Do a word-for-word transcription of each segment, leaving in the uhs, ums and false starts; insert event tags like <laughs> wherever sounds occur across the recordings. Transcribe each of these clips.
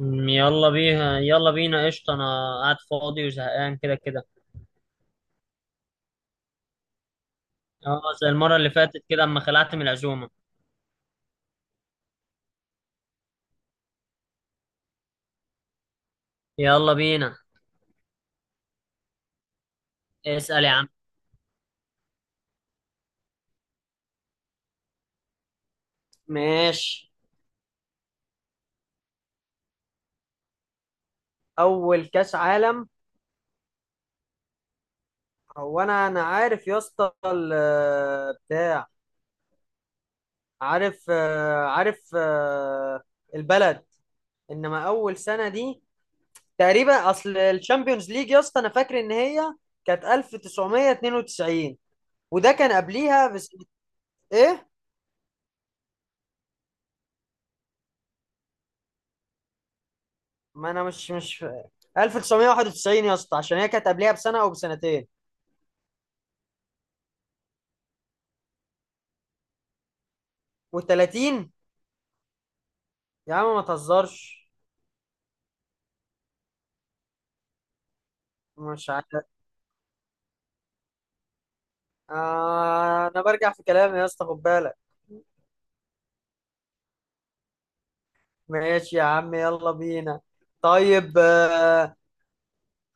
أمم، يلا بيها يلا بينا قشطة. أنا قاعد فاضي وزهقان كده كده. اه، زي المرة اللي فاتت كده أما خلعت من العزومة. يلا بينا. اسأل يا عم. ماشي. اول كاس عالم. هو انا انا عارف يا اسطى ال- بتاع. عارف آه، عارف آه، البلد. انما اول سنه دي تقريبا، اصل الشامبيونز ليج يا اسطى انا فاكر ان هي كانت ألف تسعمية اتنين وتسعين. وده كان قبليها بس. ايه. ما انا مش مش ألف تسعمية وواحد وتسعين يا اسطى، عشان هي كانت قبلها بسنه او بسنتين. وثلاثين. يا عم ما تهزرش. مش عارف. آه انا برجع في كلامي يا اسطى خد بالك. ماشي يا عم يلا بينا. طيب. آه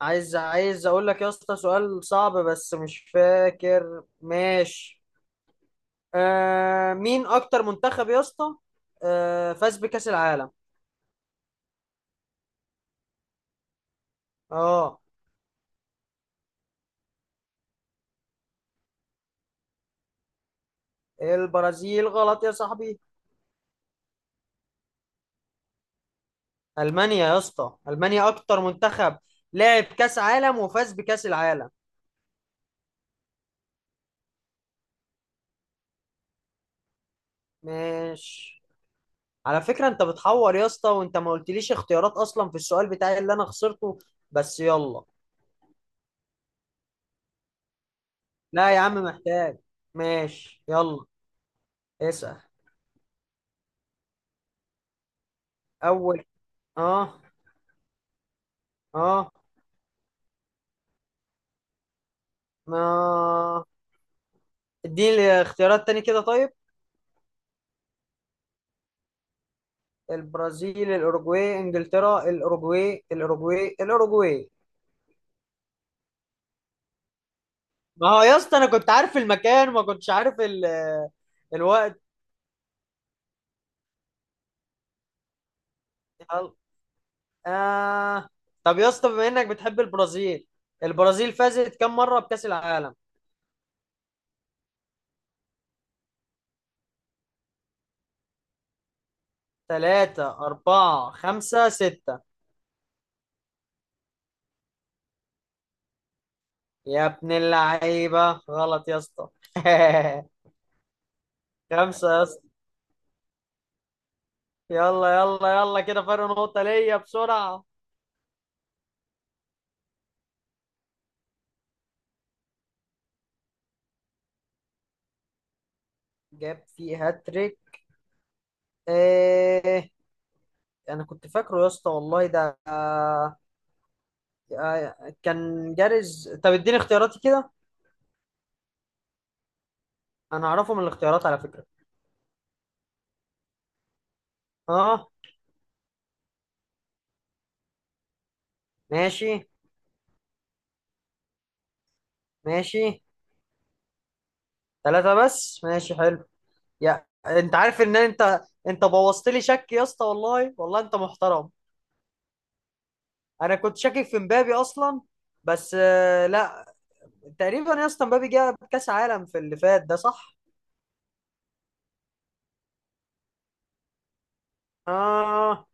عايز عايز اقول لك يا اسطى سؤال صعب بس مش فاكر. ماشي. آه مين اكتر منتخب يا اسطى آه فاز بكأس العالم. اه. البرازيل غلط يا صاحبي. المانيا يا اسطى، المانيا اكتر منتخب لعب كاس عالم وفاز بكاس العالم. ماشي. على فكره انت بتحور يا اسطى، وانت ما قلتليش اختيارات اصلا في السؤال بتاعي اللي انا خسرته. بس يلا. لا يا عم، محتاج. ماشي يلا. اسال. اول. اه. اه ما اديني اختيارات تاني كده طيب. البرازيل الاوروجواي انجلترا الاوروجواي الاوروجواي الاوروجواي. ما هو يا اسطى انا كنت عارف المكان، ما كنتش عارف ال الوقت. يلا. آه. طب يا اسطى، بما انك بتحب البرازيل، البرازيل فازت كم مرة بكأس العالم؟ ثلاثة أربعة خمسة ستة. يا ابن اللعيبة غلط يا اسطى <laughs> خمسة يا اسطى. يلا يلا يلا، كده فرق نقطة ليا بسرعة. جاب في هاتريك. ايه. انا كنت فاكره يا اسطى والله ده آه. آه، كان جارز. طب اديني اختياراتي كده. انا اعرفه من الاختيارات على فكرة. اه. ماشي. ماشي. ثلاثة بس، ماشي حلو. يا انت عارف ان انت، انت بوظت لي شك يا اسطى، والله والله انت محترم. انا كنت شاكك في مبابي اصلا. بس آه، لا. تقريبا يا اسطى مبابي جاب كاس عالم في اللي فات ده، صح. اه.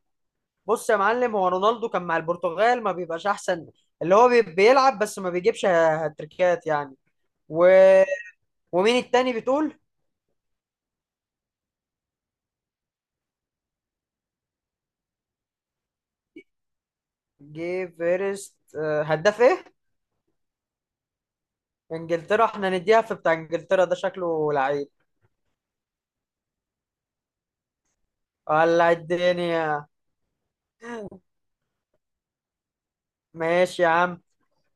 بص يا معلم، هو رونالدو كان مع البرتغال، ما بيبقاش احسن. اللي هو بي- بيلعب بس ما بيجيبش ه- هاتريكات يعني. و... ومين التاني بتقول؟ جي فيرست آه، هداف ايه. انجلترا. احنا نديها في، بتاع انجلترا ده شكله لعيب ولا الدنيا. ماشي يا عم.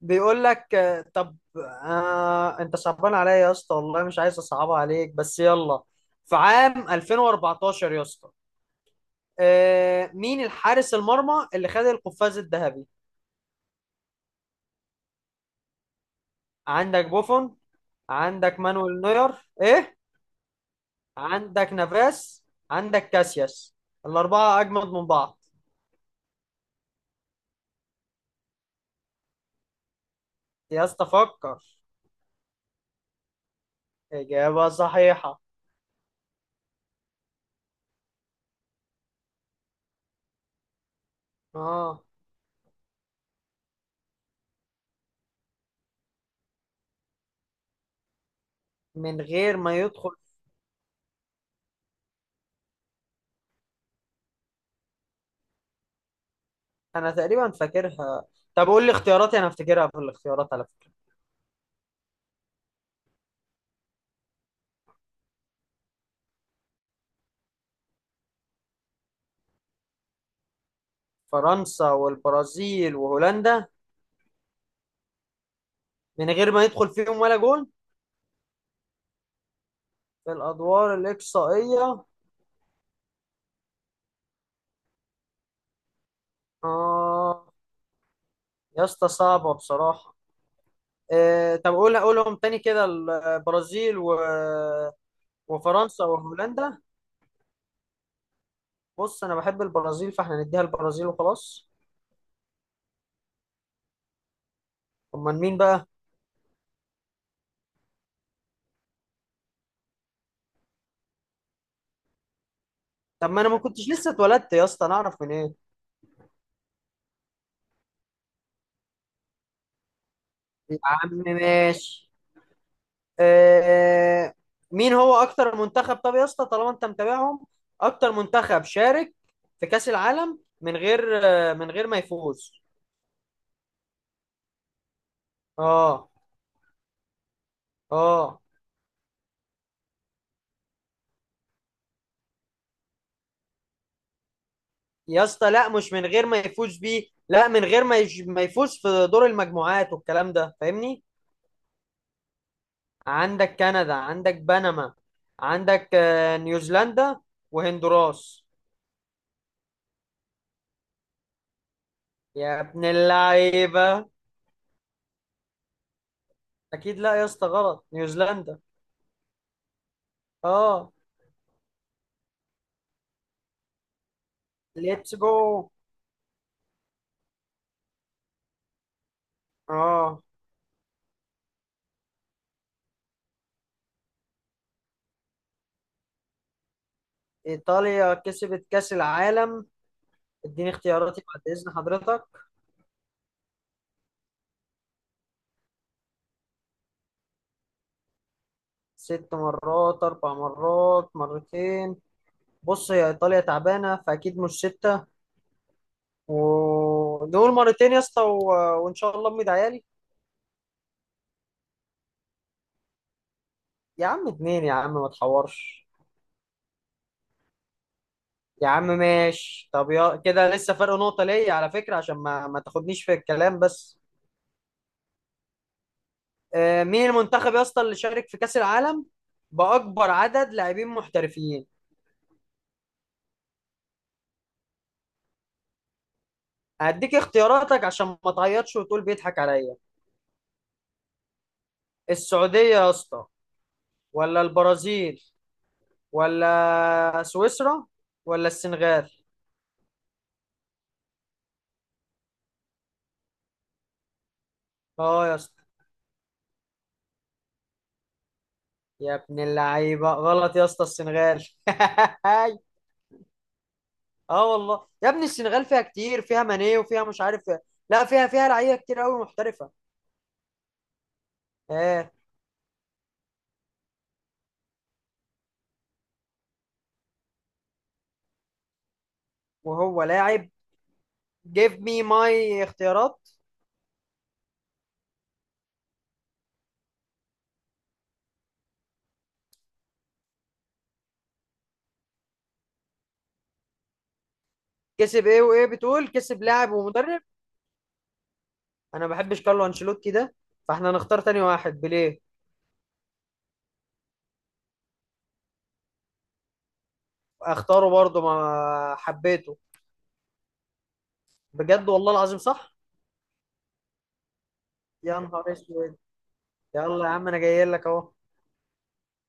بيقول لك آه، طب. آه انت صعبان عليا يا اسطى والله، مش عايز اصعبها عليك بس يلا. في عام ألفين وأربعتاشر يا اسطى. آه مين الحارس المرمى اللي خد القفاز الذهبي؟ عندك بوفون. عندك مانويل نوير. ايه. عندك نافاس. عندك كاسياس. الاربعه اجمد من بعض. يا اسطى فكر. اجابه صحيحه. اه. من غير ما يدخل. انا تقريبا فاكرها. طب قول لي اختياراتي، انا افتكرها في الاختيارات على فكرة. فرنسا والبرازيل وهولندا. من غير ما ندخل فيهم ولا جول. في الادوار الاقصائية. اه. يا اسطى صعبة بصراحة. آه طب قول، قولهم تاني كده، البرازيل و... وفرنسا وهولندا. بص انا بحب البرازيل، فاحنا نديها البرازيل وخلاص. امال مين بقى؟ طب ما انا ما كنتش لسه اتولدت يا اسطى، انا اعرف من ايه؟ يا عم ماشي. آه، مين هو اكتر منتخب؟ طب يا اسطى طالما انت متابعهم، اكتر منتخب شارك في كأس العالم من غير، آه، من غير ما يفوز. اه. اه يا اسطى لا، مش من غير ما يفوز بيه، لا، من غير ما يج- ما يفوز في دور المجموعات والكلام ده، فاهمني. عندك كندا، عندك بنما، عندك آه، نيوزيلندا، وهندوراس. يا ابن اللعيبة. اكيد لا يا اسطى، غلط، نيوزيلندا. اه. ليتس جو. اه. إيطاليا كسبت كأس العالم. اديني اختياراتي بعد إذن حضرتك. ست مرات، أربع مرات، مرتين. بص هي إيطاليا تعبانة، فأكيد مش ستة. ودول مرتين يا اسطى و... وإن شاء الله أمي عيالي. يا عم اتنين، يا عم ما تحورش. يا عم ماشي، طب يا كده لسه فرق نقطة ليا على فكرة، عشان ما ما تاخدنيش في الكلام بس. آه، مين المنتخب يا اسطى اللي شارك في كأس العالم بأكبر عدد لاعبين محترفين؟ هديك اختياراتك عشان ما تعيطش وتقول بيضحك عليا. السعودية يا اسطى، ولا البرازيل، ولا سويسرا، ولا السنغال. اه يا اسطى. يا ابن اللعيبة، غلط يا اسطى، السنغال <laughs> اه والله يا ابني السنغال فيها كتير، فيها ماني وفيها مش عارف. لا، فيها فيها لعيبة كتير قوي محترفة. اه. وهو لاعب. جيف مي ماي اختيارات. كسب ايه وايه بتقول؟ كسب لاعب ومدرب. انا ما بحبش كارلو انشيلوتي ده، فاحنا هنختار تاني واحد، بيليه. اختاره برضه، ما حبيته. بجد، والله العظيم صح. يا نهار اسود. يلا يا عم انا جاي لك اهو.